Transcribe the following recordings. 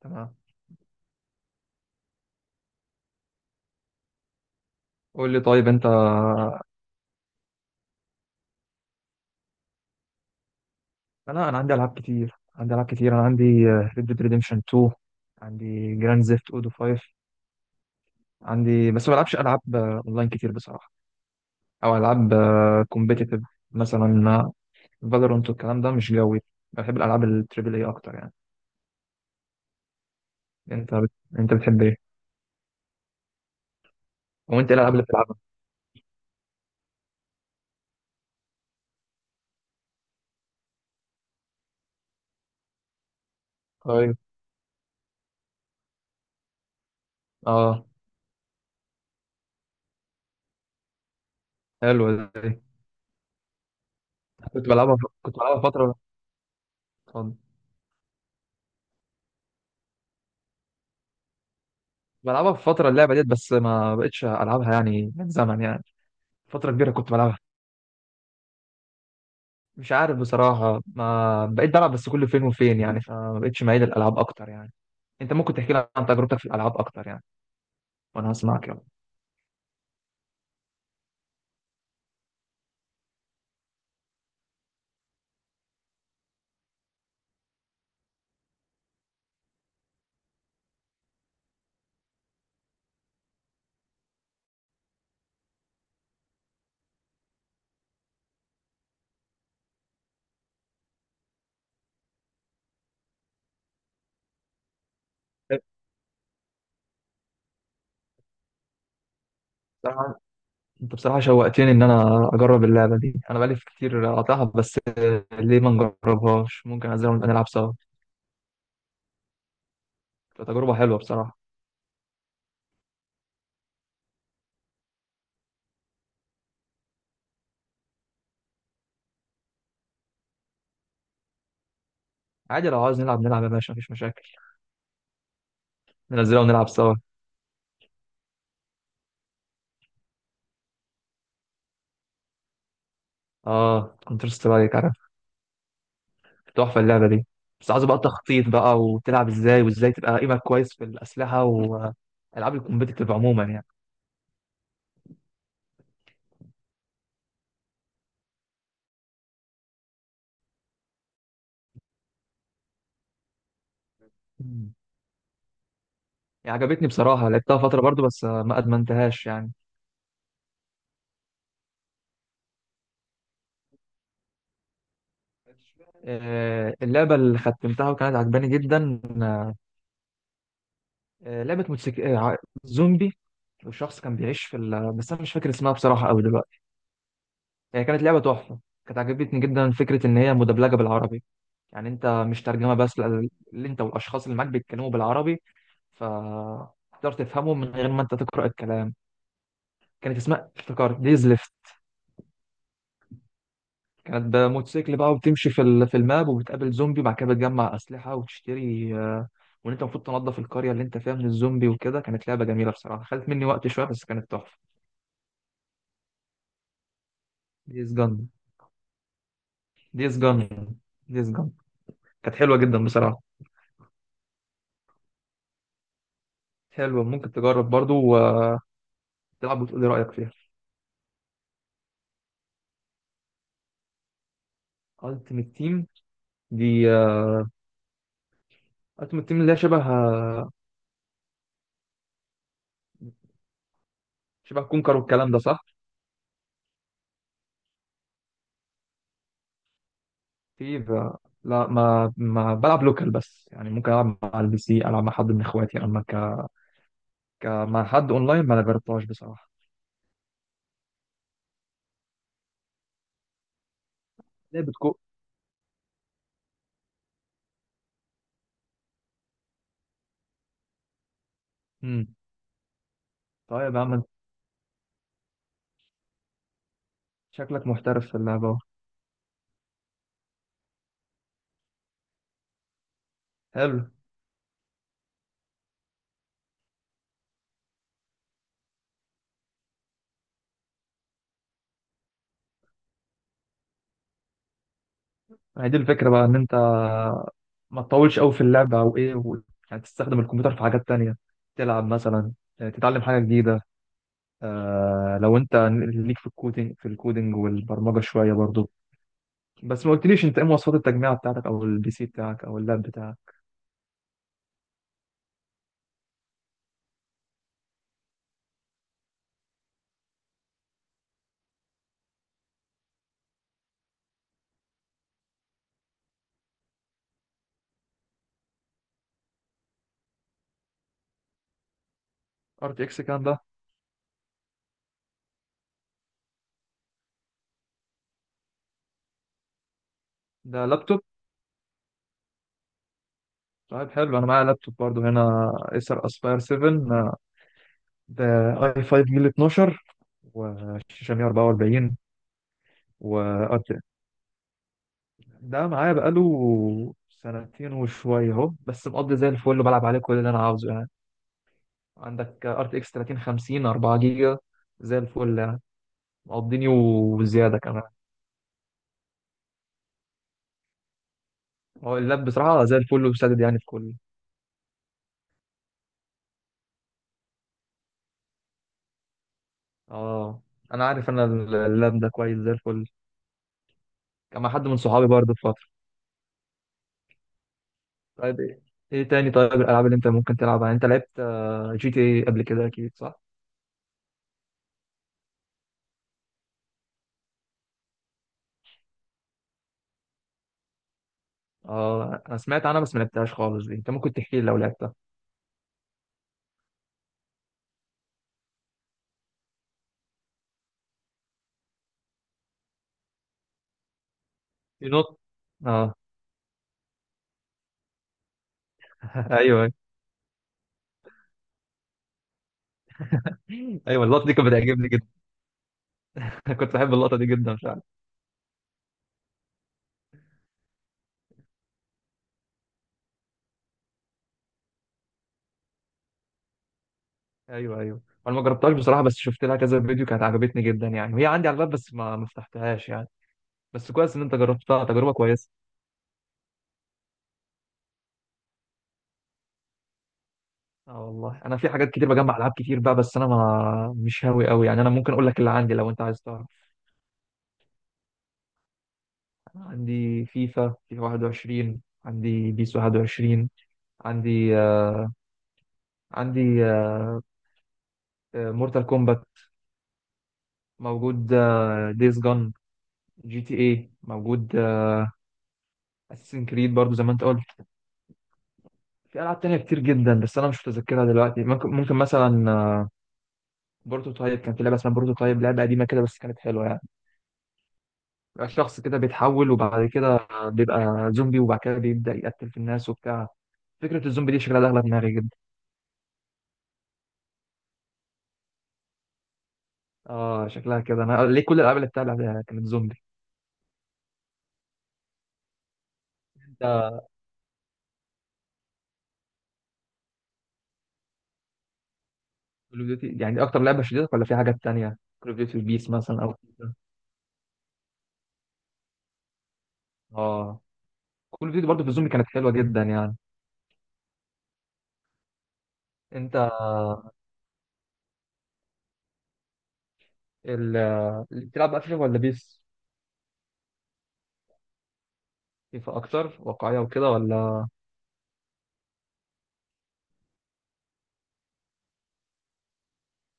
تمام. قول لي طيب انت. انا عندي العاب كتير، انا عندي ريد ديد ريديمشن 2، عندي جراند زيفت اودو 5، عندي، بس ما بلعبش العاب اونلاين كتير بصراحه، او العاب كومبيتيتيف مثلا. فالورانت والكلام ده مش جوي. بحب الالعاب التريبل اي اكتر يعني. انت بت... انت بتحب ايه؟ وانت ايه الالعاب اللي بتلعبها؟ طيب. اه، حلو دي. كنت بلعبها فتره. اتفضل. بلعبها في فتره اللعبه ديت، بس ما بقتش العبها يعني من زمن يعني، فتره كبيره كنت بلعبها. مش عارف بصراحة، ما بقيت بلعب بس كل فين وفين يعني، فما بقتش معيد الألعاب أكتر يعني. أنت ممكن تحكي لي عن تجربتك في الألعاب أكتر يعني؟ وأنا هسمعك يلا. بصراحة، أنت بصراحة شوقتني إن أنا أجرب اللعبة دي. أنا بقالي كتير قاطعها، بس ليه ما نجربهاش؟ ممكن أنزلها ونبقى نلعب سوا. تبقى تجربة حلوة بصراحة. عادي لو عاوز نلعب نلعب يا باشا، مفيش مشاكل. ننزلها ونلعب سوا. آه، كونتر سترايك عارف. تحفة اللعبة دي. بس عاوز بقى تخطيط بقى، وتلعب إزاي وإزاي تبقى قيمك كويس في الأسلحة وألعاب الكومبيتيتيف عموما يعني. مم. عجبتني بصراحة، لعبتها فترة برضو بس ما أدمنتهاش يعني. اللعبة اللي ختمتها وكانت عجباني جدا، لعبة زومبي، وشخص كان بيعيش في بس أنا مش فاكر اسمها بصراحة أوي دلوقتي. هي كانت لعبة تحفة. كانت عجبتني جدا فكرة إن هي مدبلجة بالعربي. يعني أنت مش ترجمة بس، لا، اللي أنت والأشخاص اللي معاك بيتكلموا بالعربي، فتقدر تفهمهم من غير ما أنت تقرأ الكلام. كانت اسمها افتكرت ديز. كانت بموتوسيكل بقى، وبتمشي في في الماب، وبتقابل زومبي، وبعد كده بتجمع اسلحه وتشتري، وان انت المفروض تنظف القريه اللي انت فيها من الزومبي وكده. كانت لعبه جميله بصراحه، خدت مني وقت شويه بس كانت تحفه. ديز جن. ديز جن. ديز جن. كانت حلوه جدا بصراحه. حلوه، ممكن تجرب برضو وتلعب، وتقول لي رايك فيها. التيمت تيم. دي التيمت تيم اللي هي شبه، شبه كونكر والكلام ده صح؟ في آه، لا، ما بلعب لوكال بس يعني، ممكن العب مع البي سي، العب مع حد من اخواتي، اما مع حد اونلاين ما انا جربتهاش بصراحه. لعبة كو. امم. طيب يا عم انت، شكلك محترف في اللعبه أهو. حلو. ما هي دي الفكره بقى، ان انت ما تطولش قوي في اللعبه او ايه يعني تستخدم الكمبيوتر في حاجات تانية، تلعب مثلا، تتعلم حاجه جديده. آه، لو انت ليك في الكودينج والبرمجه شويه برضو. بس ما قلتليش انت ايه مواصفات التجميع بتاعتك، او البي سي بتاعك او اللاب بتاعك؟ ار تي اكس كام ده؟ ده لابتوب؟ طيب حلو، انا معايا لابتوب برضو هنا، ايسر اسباير 7. ده اي 5 جيل 12 وشاشة 144 وأرت. ده معايا بقاله سنتين وشوية اهو، بس مقضي زي الفل وبلعب عليه كل اللي أنا عاوزه يعني. عندك ار تي اكس 3050 4 جيجا. زي الفل يعني، مقضيني وزيادة كمان. هو اللاب بصراحة زي الفل وسدد يعني في كله. اه. أنا عارف، أنا اللاب ده كويس زي الفل. كان مع حد من صحابي برضه في فترة. طيب إيه، إيه تاني طيب الألعاب اللي أنت ممكن تلعبها؟ يعني أنت لعبت جي تي اي قبل كده أكيد صح؟ اه، انا سمعت عنها بس ما لعبتهاش خالص دي، انت ممكن تحكي لي لو لعبتها. ينط. اه. ايوه. ايوه، اللقطه دي كانت بتعجبني جدا. كنت بحب اللقطه دي جدا، مش عارف. ايوه ايوه، انا ما جربتهاش بصراحه، بس شفت لها كذا فيديو كانت عجبتني جدا يعني، وهي عندي على الباب بس ما فتحتهاش يعني. بس كويس ان انت جربتها تجربه كويسه. اه والله، انا في حاجات كتير، بجمع العاب كتير بقى، بس انا ما مش هاوي قوي يعني. انا ممكن اقول لك اللي عندي لو انت عايز تعرف. انا عندي فيفا، فيفا 21، عندي بيس 21، عندي آه، عندي مورتال كومبات موجود، ديز جون، جي تي اي موجود، اساسن كريد برضو زي ما انت قلت. في العاب تانية كتير جدا بس انا مش متذكرها دلوقتي، ممكن مثلا بروتوتايب. كان في لعبه اسمها بروتوتايب، لعبه قديمه كده بس كانت حلوه يعني. بيبقى الشخص كده بيتحول، وبعد كده بيبقى زومبي، وبعد كده بيبدا يقتل في الناس وبتاع. فكره الزومبي دي شكلها داخله في دماغي جدا. اه، شكلها كده، انا ليه كل الالعاب اللي بتلعبها كانت زومبي. انت، كول اوف ديوتي يعني دي اكتر لعبه شديدة ولا في حاجات تانية؟ كول اوف ديوتي، بيس مثلا، او اه. كول اوف ديوتي برضه في الزومبي كانت حلوه جدا يعني. انت ال- اللي بتلعب بقى فيفا ولا بيس؟ فيفا اكتر واقعيه وكده، ولا؟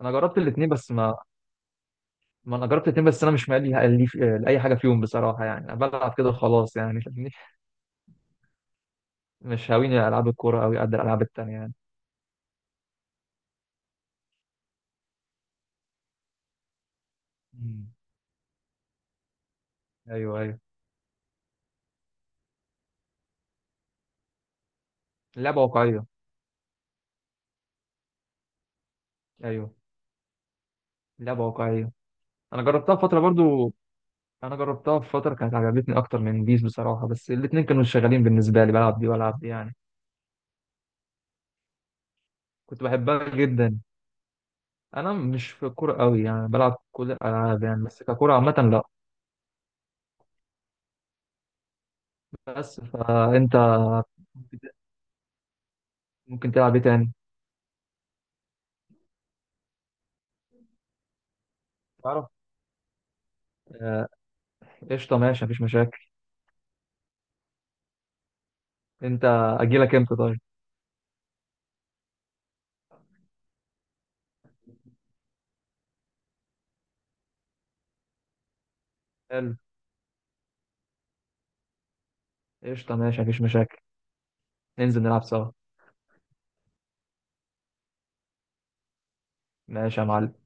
انا جربت الاثنين بس، ما ما انا جربت الاثنين بس انا مش مالي، لي لاي حاجه فيهم بصراحه يعني، انا بلعب كده خلاص يعني فاهمني. مش هاويني العاب الكوره قوي قد الالعاب التانيه يعني. مم. ايوه ايوه، اللعبه واقعيه. ايوه، اللعبه واقعيه. انا جربتها فتره برضو، انا جربتها في فتره كانت عجبتني اكتر من بيس بصراحه، بس الاثنين كانوا شغالين بالنسبه لي، بلعب دي والعب دي يعني. كنت بحبها جدا. انا مش في الكوره قوي يعني، بلعب كل الالعاب يعني بس ككوره عامه لا. بس فانت ممكن تلعب ايه تاني؟ تعرف، آه، قشطه ماشي مفيش مشاكل. انت اجي لك امتى طيب؟ حلو، قشطه ماشي مفيش مشاكل. ننزل نلعب سوا. ماشي يا معلم.